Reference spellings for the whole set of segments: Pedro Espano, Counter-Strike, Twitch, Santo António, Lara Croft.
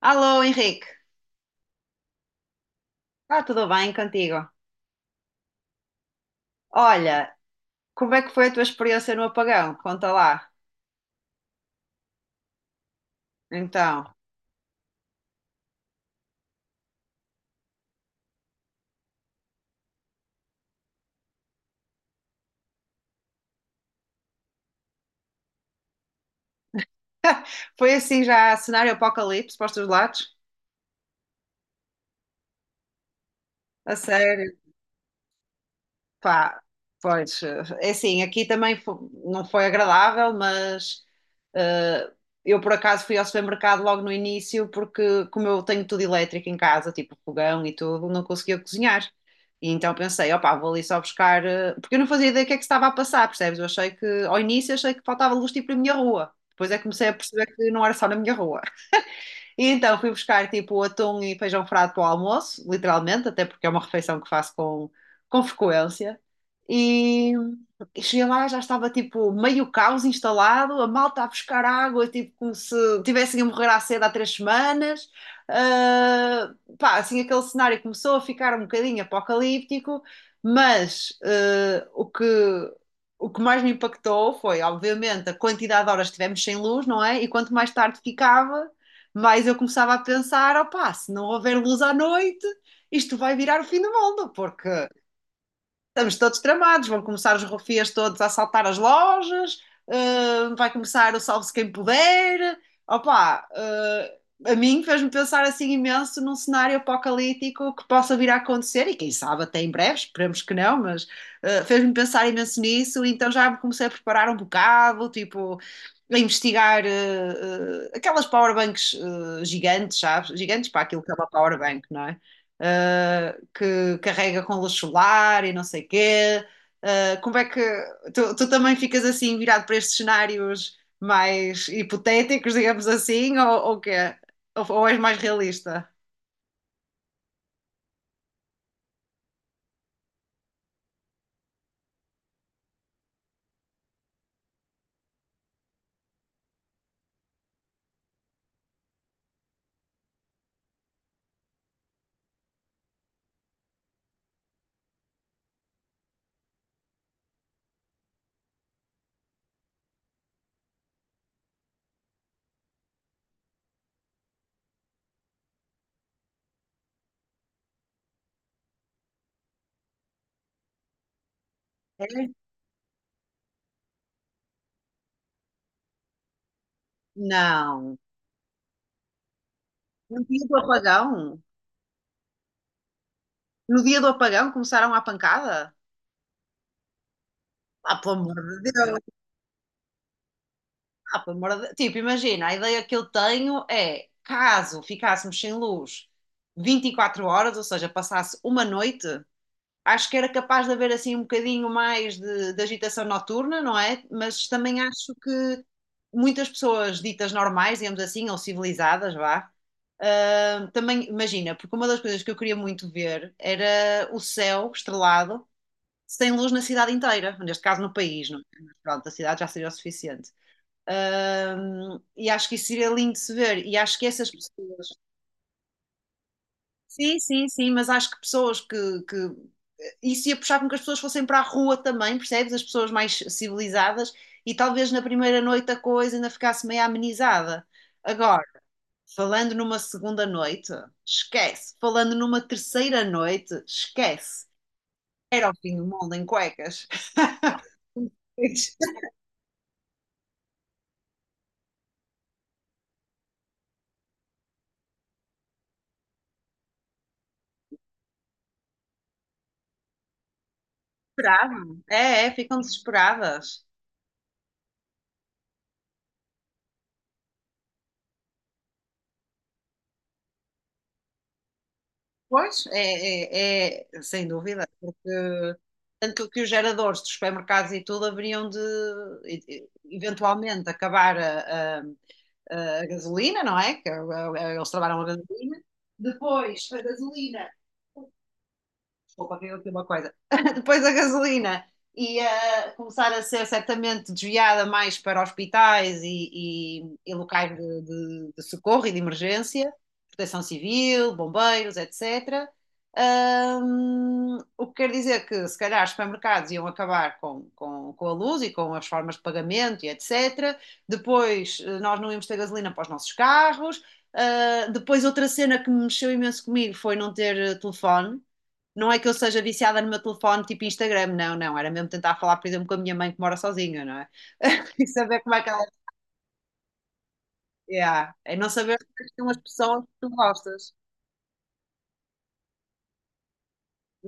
Alô, Henrique. Está tudo bem contigo? Olha, como é que foi a tua experiência no apagão? Conta lá. Então, foi assim já cenário apocalipse para os teus lados? A sério? Pá, pois, é assim, aqui também não foi agradável, mas eh, eu por acaso fui ao supermercado logo no início, porque como eu tenho tudo elétrico em casa, tipo fogão e tudo, não conseguia cozinhar. E então pensei, opá, vou ali só buscar, porque eu não fazia ideia do que é que se estava a passar, percebes? Eu achei que, ao início, achei que faltava luz tipo na minha rua. Depois é que comecei a perceber que não era só na minha rua. E então fui buscar tipo atum e feijão frado para o almoço, literalmente, até porque é uma refeição que faço com frequência. e Cheguei lá, já estava tipo meio caos instalado, a malta a buscar água, tipo como se tivessem a morrer à sede há 3 semanas. Ah, pá, assim aquele cenário começou a ficar um bocadinho apocalíptico, mas o que mais me impactou foi, obviamente, a quantidade de horas que tivemos sem luz, não é? E quanto mais tarde ficava, mais eu começava a pensar: opá, se não houver luz à noite, isto vai virar o fim do mundo, porque estamos todos tramados, vão começar os rufias todos a assaltar as lojas, vai começar o salve-se quem puder. Opa, a mim fez-me pensar assim imenso num cenário apocalíptico que possa vir a acontecer, e quem sabe até em breve, esperemos que não, mas fez-me pensar imenso nisso, então já me comecei a preparar um bocado, tipo, a investigar aquelas powerbanks gigantes, sabes? Gigantes para aquilo que é uma powerbank, não é? Que carrega com luz solar e não sei o quê. Como é que tu também ficas assim virado para estes cenários mais hipotéticos, digamos assim, ou quê? Ou és mais realista? É? Não. No dia do apagão? No dia do apagão começaram à pancada? Ah, pelo amor de Deus! Ah, pelo amor de... Tipo, imagina, a ideia que eu tenho é, caso ficássemos sem luz 24 horas, ou seja, passasse uma noite, acho que era capaz de haver assim um bocadinho mais de agitação noturna, não é? Mas também acho que muitas pessoas ditas normais, digamos assim, ou civilizadas, vá. Ah, também, imagina, porque uma das coisas que eu queria muito ver era o céu estrelado sem luz na cidade inteira, neste caso no país, não é? Mas pronto, a cidade já seria o suficiente. Ah, e acho que isso seria lindo de se ver, e acho que essas pessoas... Sim, sim, sim, mas acho que pessoas que isso ia puxar com que as pessoas fossem para a rua também, percebes? As pessoas mais civilizadas e talvez na primeira noite a coisa ainda ficasse meio amenizada. Agora, falando numa segunda noite, esquece. Falando numa terceira noite, esquece. Era o fim do mundo em cuecas. Fico... É, é, ficam desesperadas. Pois, é, é, é, sem dúvida, porque tanto que os geradores dos supermercados e tudo haveriam de eventualmente acabar a gasolina, não é? Que eles trabalham a gasolina. Depois, a gasolina, desculpa, eu aqui uma coisa, depois a gasolina ia começar a ser certamente desviada mais para hospitais e locais de socorro e de emergência, proteção civil, bombeiros, etc. O que quer dizer que se calhar os supermercados iam acabar com a luz e com as formas de pagamento e etc. Depois nós não íamos ter gasolina para os nossos carros. Ah, depois outra cena que mexeu imenso comigo foi não ter telefone. Não é que eu seja viciada no meu telefone tipo Instagram, não, não, era mesmo tentar falar, por exemplo, com a minha mãe que mora sozinha, não é? E saber como é que ela é. Yeah. É. Não saber que são as pessoas que tu gostas,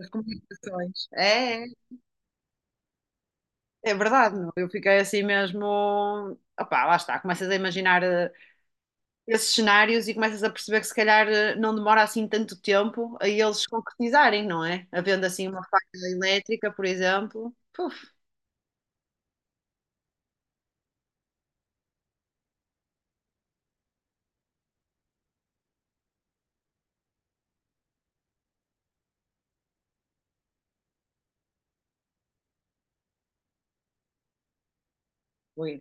as comunicações. É, é, é verdade, não? Eu fiquei assim mesmo. Opá, lá está, começas a imaginar esses cenários e começas a perceber que se calhar não demora assim tanto tempo a eles se concretizarem, não é? Havendo assim uma faca elétrica, por exemplo. Puf, ui.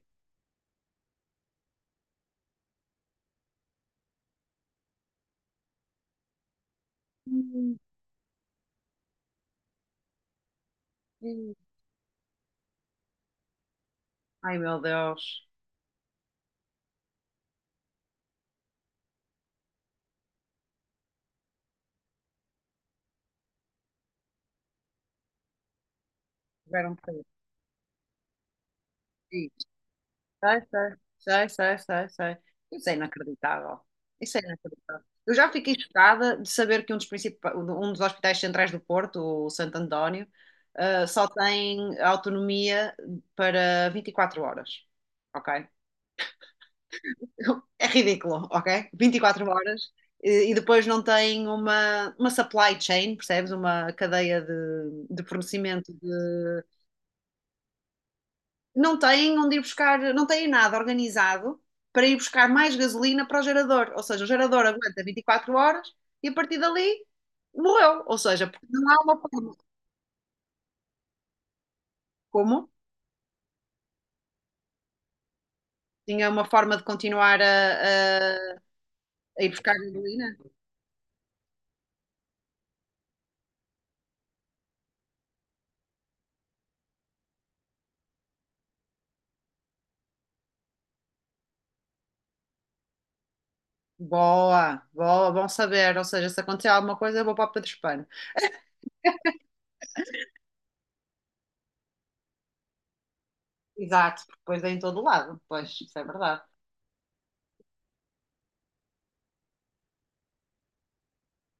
Ai meu Deus, tiveram que... Sim, sai, sai, sai, sai, sai, sai. Isso é inacreditável. Isso é inacreditável. Eu já fiquei chocada de saber que um dos principais, um dos hospitais centrais do Porto, o Santo António, ah, só tem autonomia para 24 horas. Ok? É ridículo, ok? 24 horas e depois não tem uma supply chain, percebes? Uma cadeia de fornecimento de... Não têm onde ir buscar, não têm nada organizado para ir buscar mais gasolina para o gerador. Ou seja, o gerador aguenta 24 horas e a partir dali morreu. Ou seja, porque não há uma forma. Como? Tinha uma forma de continuar a ir buscar gasolina? Boa, boa, bom saber. Ou seja, se acontecer alguma coisa, eu vou para o Pedro Espano. Exato, porque depois é em todo lado. Pois, isso é verdade.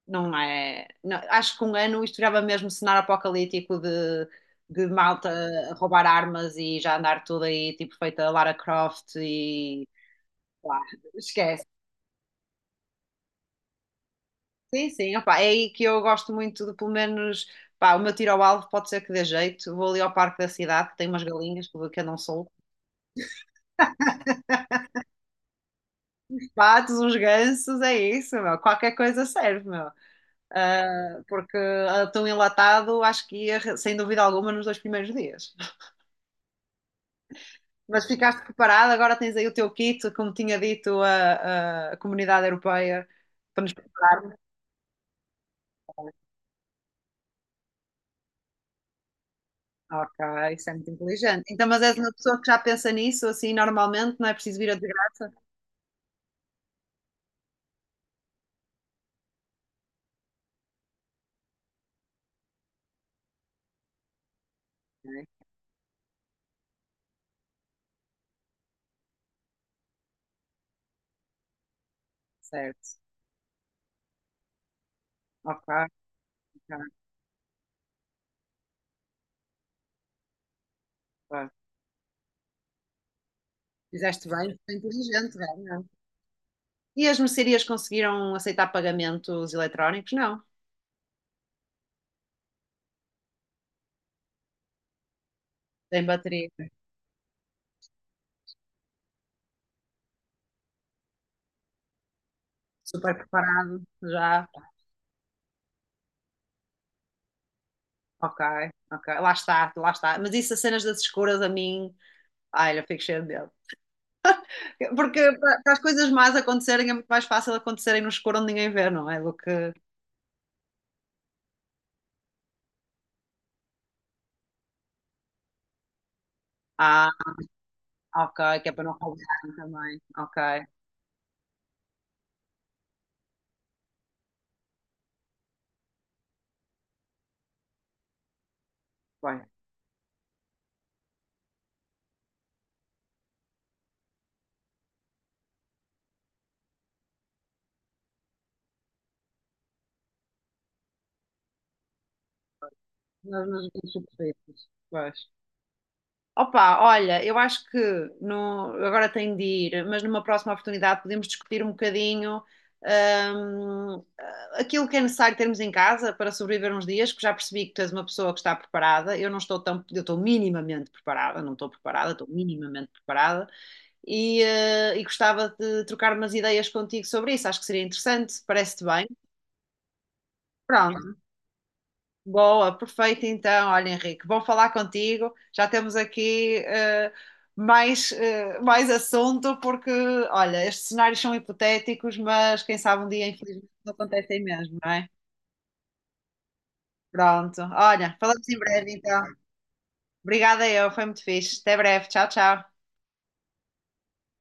Não é. Não, acho que um ano isto virava mesmo cenário apocalíptico de malta a roubar armas e já andar tudo aí, tipo feita Lara Croft e... Pá, esquece. Sim, sim, opá, é aí que eu gosto muito de, pelo menos, pá, o meu tiro ao alvo pode ser que dê jeito. Vou ali ao parque da cidade, que tem umas galinhas que eu não sou. Patos, uns gansos, é isso, meu. Qualquer coisa serve, meu. Ah, porque ah, tão enlatado, acho que ia, sem dúvida alguma, nos 2 primeiros dias. Mas ficaste preparado, agora tens aí o teu kit, como tinha dito a comunidade europeia, para nos prepararmos. Ok, isso é muito inteligente. Então, mas és uma pessoa que já pensa nisso, assim, normalmente, não é preciso vir a de graça? Ok, certo. Ok, ok, ok. Fizeste bem, foi inteligente, bem, não. E as mercearias conseguiram aceitar pagamentos eletrónicos? Não. Tem bateria. Super preparado, já. Ok, ok. Lá está, lá está. Mas isso, as cenas das escuras, a mim, ai, eu fico cheia de medo. Porque para as coisas más acontecerem é muito mais fácil acontecerem no escuro onde ninguém vê, não é? Do que. Ah, ok, que é para não roubarem também. Ok, bem. Nas nas minhas superfícies. Pois. Opa, olha, eu acho que no, agora tenho de ir, mas numa próxima oportunidade podemos discutir um bocadinho hum, aquilo que é necessário termos em casa para sobreviver uns dias, porque já percebi que tu és uma pessoa que está preparada. Eu não estou tão, eu estou minimamente preparada, não estou preparada, estou minimamente preparada. E e gostava de trocar umas ideias contigo sobre isso. Acho que seria interessante, parece-te bem. Pronto, boa, perfeito então. Olha, Henrique, bom falar contigo. Já temos aqui mais assunto, porque, olha, estes cenários são hipotéticos, mas quem sabe um dia, infelizmente, não acontecem mesmo, não é? Pronto, olha, falamos em breve então. Obrigada eu, foi muito fixe. Até breve, tchau, tchau.